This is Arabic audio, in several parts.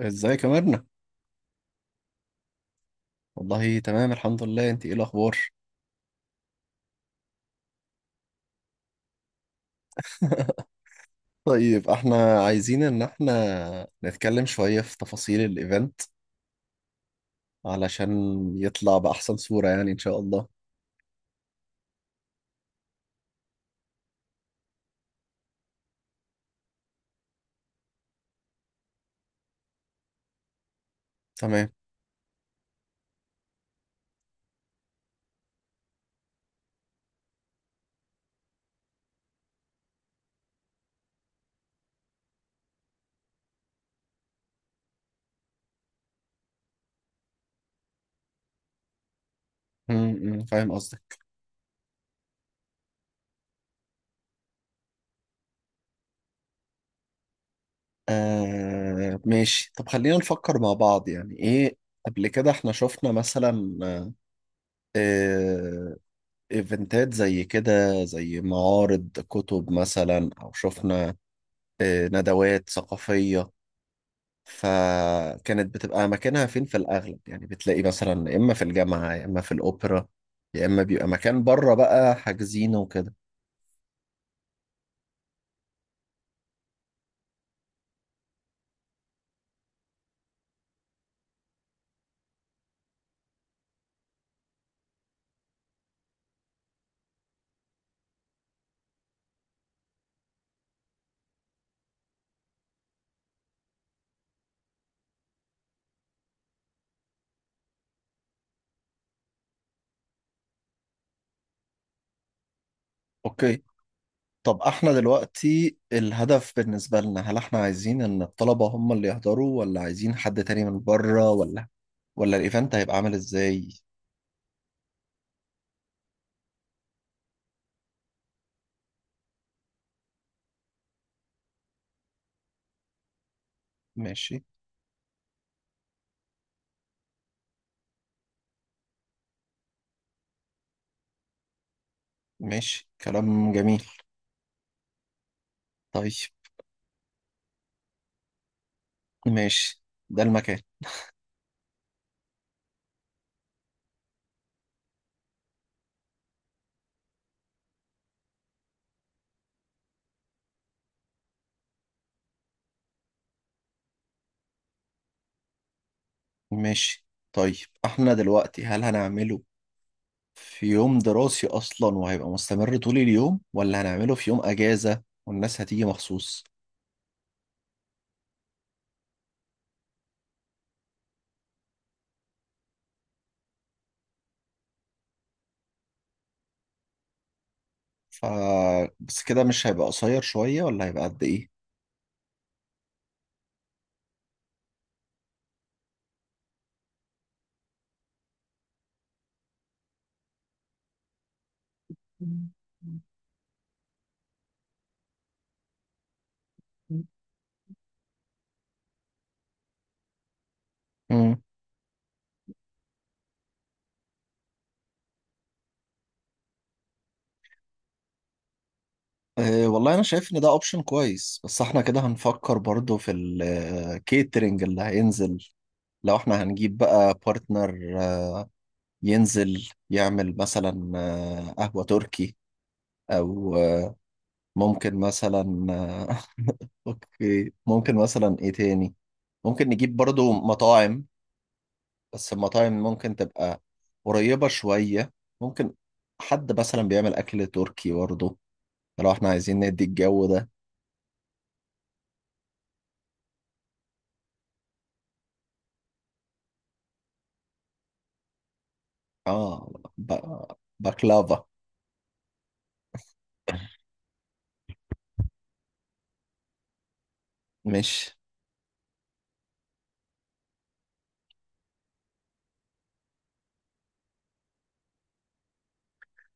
ازيك يا مرنة؟ والله تمام الحمد لله، انت ايه الاخبار؟ طيب، احنا عايزين ان احنا نتكلم شوية في تفاصيل الايفنت، علشان يطلع بأحسن صورة يعني ان شاء الله. تمام. م- م، فاهم قصدك. آه ماشي، طب خلينا نفكر مع بعض يعني ايه. قبل كده احنا شفنا مثلا آه ايفنتات زي كده، زي معارض كتب مثلا، او شفنا ندوات ثقافية. فكانت بتبقى مكانها فين في الأغلب؟ يعني بتلاقي مثلا يا إما في الجامعة، يا إما في الأوبرا، يا إما بيبقى مكان بره بقى حاجزينه وكده. أوكي، طب احنا دلوقتي الهدف بالنسبة لنا، هل احنا عايزين ان الطلبة هم اللي يحضروا، ولا عايزين حد تاني من بره، ولا ولا الايفنت هيبقى عامل ازاي؟ ماشي. ماشي، كلام جميل. طيب. ماشي. ده المكان. ماشي. طيب احنا دلوقتي هل هنعمله في يوم دراسي أصلا وهيبقى مستمر طول اليوم، ولا هنعمله في يوم أجازة والناس هتيجي مخصوص؟ ف بس كده مش هيبقى قصير شوية، ولا هيبقى قد إيه؟ مم. أه والله أنا شايف إن ده أوبشن كويس، بس إحنا كده هنفكر برضو في الكيترينج اللي هينزل. لو إحنا هنجيب بقى بارتنر ينزل يعمل مثلا قهوة تركي، أو ممكن مثلا. اوكي، ممكن مثلا ايه تاني؟ ممكن نجيب برضو مطاعم، بس المطاعم ممكن تبقى قريبة شوية. ممكن حد مثلا بيعمل اكل تركي برضو، لو احنا عايزين ندي الجو ده. اه. ب... بكلافا. مش،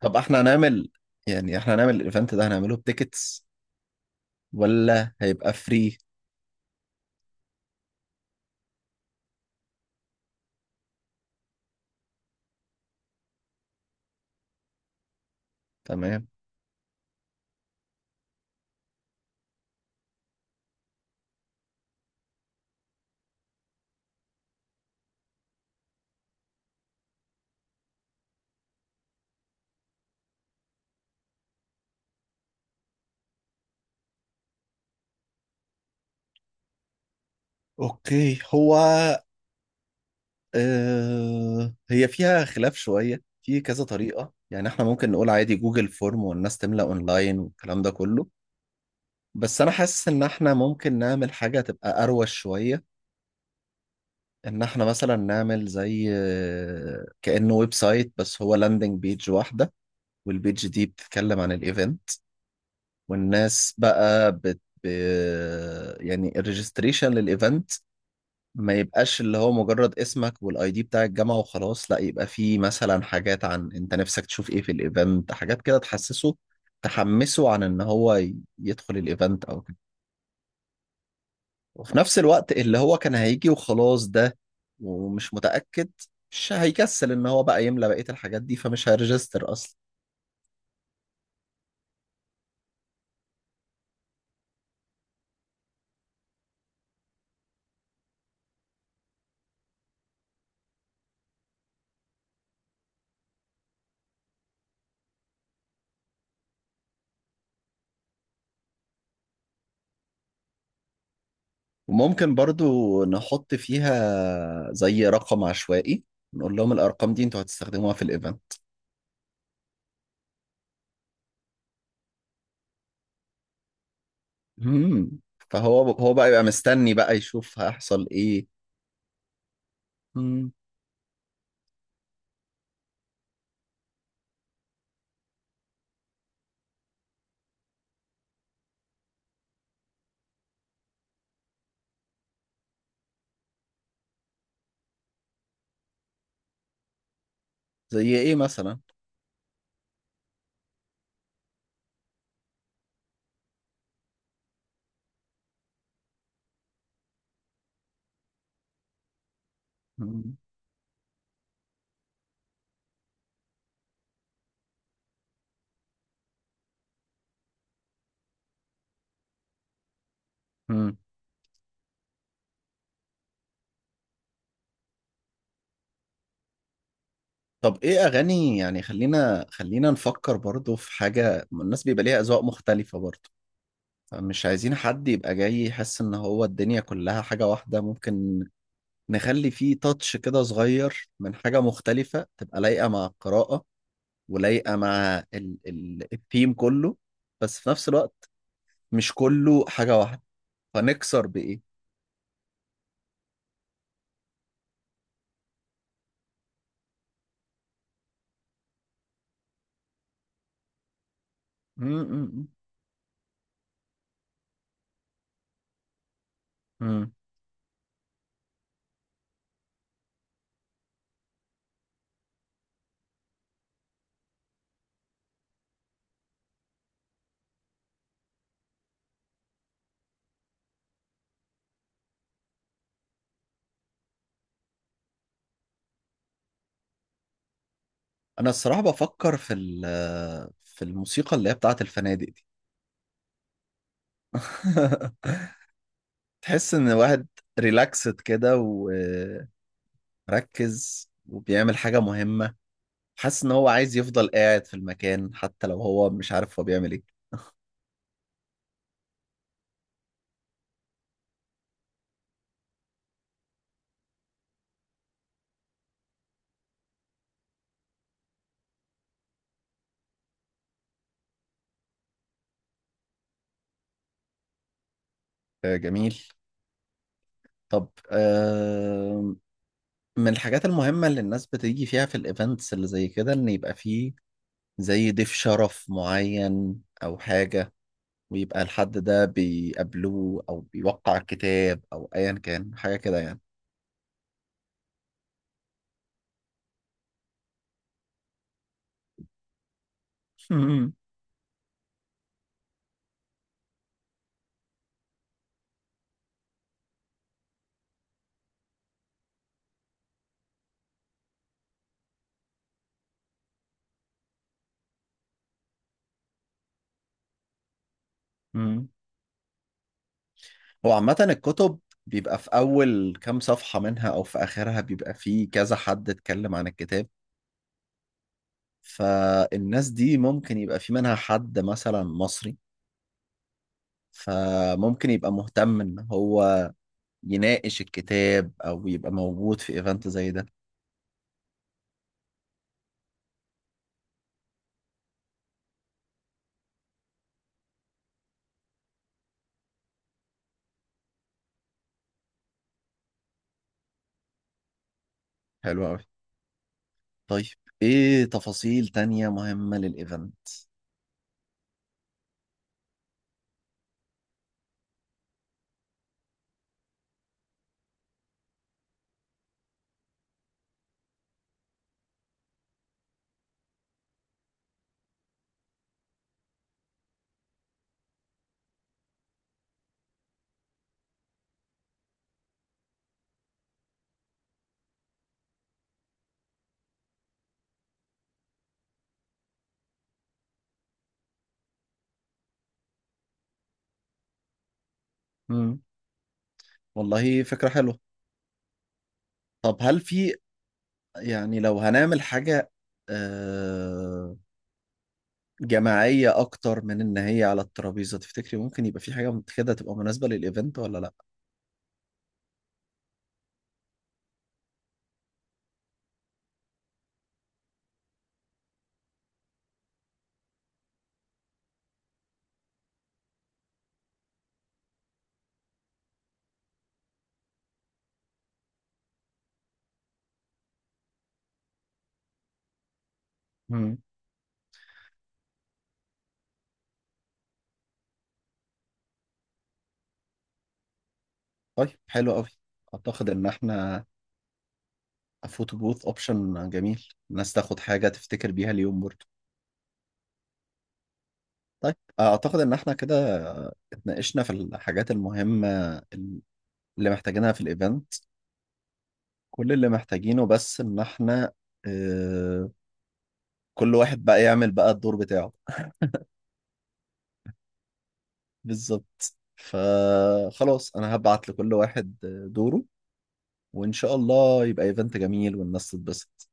طب احنا هنعمل، يعني احنا هنعمل الايفنت ده هنعمله بتيكتس، ولا هيبقى فري؟ تمام. اوكي هو هي فيها خلاف شوية في كذا طريقة، يعني احنا ممكن نقول عادي جوجل فورم والناس تملأ اونلاين والكلام ده كله، بس انا حاسس ان احنا ممكن نعمل حاجة تبقى اروش شوية. ان احنا مثلا نعمل زي كأنه ويب سايت بس هو لاندنج بيج واحدة، والبيج دي بتتكلم عن الايفنت. والناس بقى يعني الريجستريشن للايفنت ما يبقاش اللي هو مجرد اسمك والاي دي بتاع الجامعة وخلاص، لا يبقى فيه مثلا حاجات عن انت نفسك تشوف ايه في الايفنت، حاجات كده تحسسه، تحمسه عن ان هو يدخل الايفنت او كده. وفي نفس الوقت اللي هو كان هيجي وخلاص ده، ومش متأكد، مش هيكسل ان هو بقى يملى بقية الحاجات دي، فمش هيرجستر اصلا. وممكن برضو نحط فيها زي رقم عشوائي، نقول لهم الارقام دي انتوا هتستخدموها في الايفنت. مم. فهو هو بقى يبقى مستني بقى يشوف هيحصل ايه. مم. زي ايه مثلا؟ مم. مم. طب ايه اغاني؟ يعني خلينا خلينا نفكر برضو في حاجة، الناس بيبقى ليها اذواق مختلفة برضو، فمش عايزين حد يبقى جاي يحس ان هو الدنيا كلها حاجة واحدة. ممكن نخلي فيه تاتش كده صغير من حاجة مختلفة، تبقى لايقة مع القراءة ولايقة مع ال ال الثيم كله، بس في نفس الوقت مش كله حاجة واحدة. فنكسر بإيه؟ مم. مم. انا الصراحه بفكر في في الموسيقى اللي هي بتاعه الفنادق دي. تحس ان واحد ريلاكسد كده وركز، وبيعمل حاجه مهمه، حاسس ان هو عايز يفضل قاعد في المكان حتى لو هو مش عارف هو بيعمل ايه. آه، جميل. طب من الحاجات المهمه اللي الناس بتيجي فيها في الايفنتس اللي زي كده، ان يبقى فيه زي ضيف شرف معين او حاجه، ويبقى الحد ده بيقابلوه او بيوقع الكتاب او ايا كان، حاجه كده يعني. مم. مم. هو عامه الكتب بيبقى في اول كام صفحه منها او في اخرها بيبقى فيه كذا حد اتكلم عن الكتاب، فالناس دي ممكن يبقى في منها حد مثلا مصري، فممكن يبقى مهتم ان هو يناقش الكتاب او يبقى موجود في ايفنت زي ده. حلو قوي. طيب، ايه تفاصيل تانية مهمة للايفنت؟ مم. والله فكرة حلوة. طب هل في، يعني لو هنعمل حاجة آه، جماعية أكتر من إن هي على الترابيزة، تفتكري ممكن يبقى في حاجة كده تبقى مناسبة للإيفنت ولا لأ؟ مم. طيب، حلو أوي. أعتقد إن إحنا، فوتو بوث أوبشن جميل، الناس تاخد حاجة تفتكر بيها اليوم برضه. طيب أعتقد إن إحنا كده اتناقشنا في الحاجات المهمة اللي محتاجينها في الإيفنت. كل اللي محتاجينه بس إن إحنا آه، كل واحد بقى يعمل بقى الدور بتاعه. بالظبط، فخلاص انا هبعت لكل واحد دوره، وان شاء الله يبقى ايفنت جميل والناس تتبسط.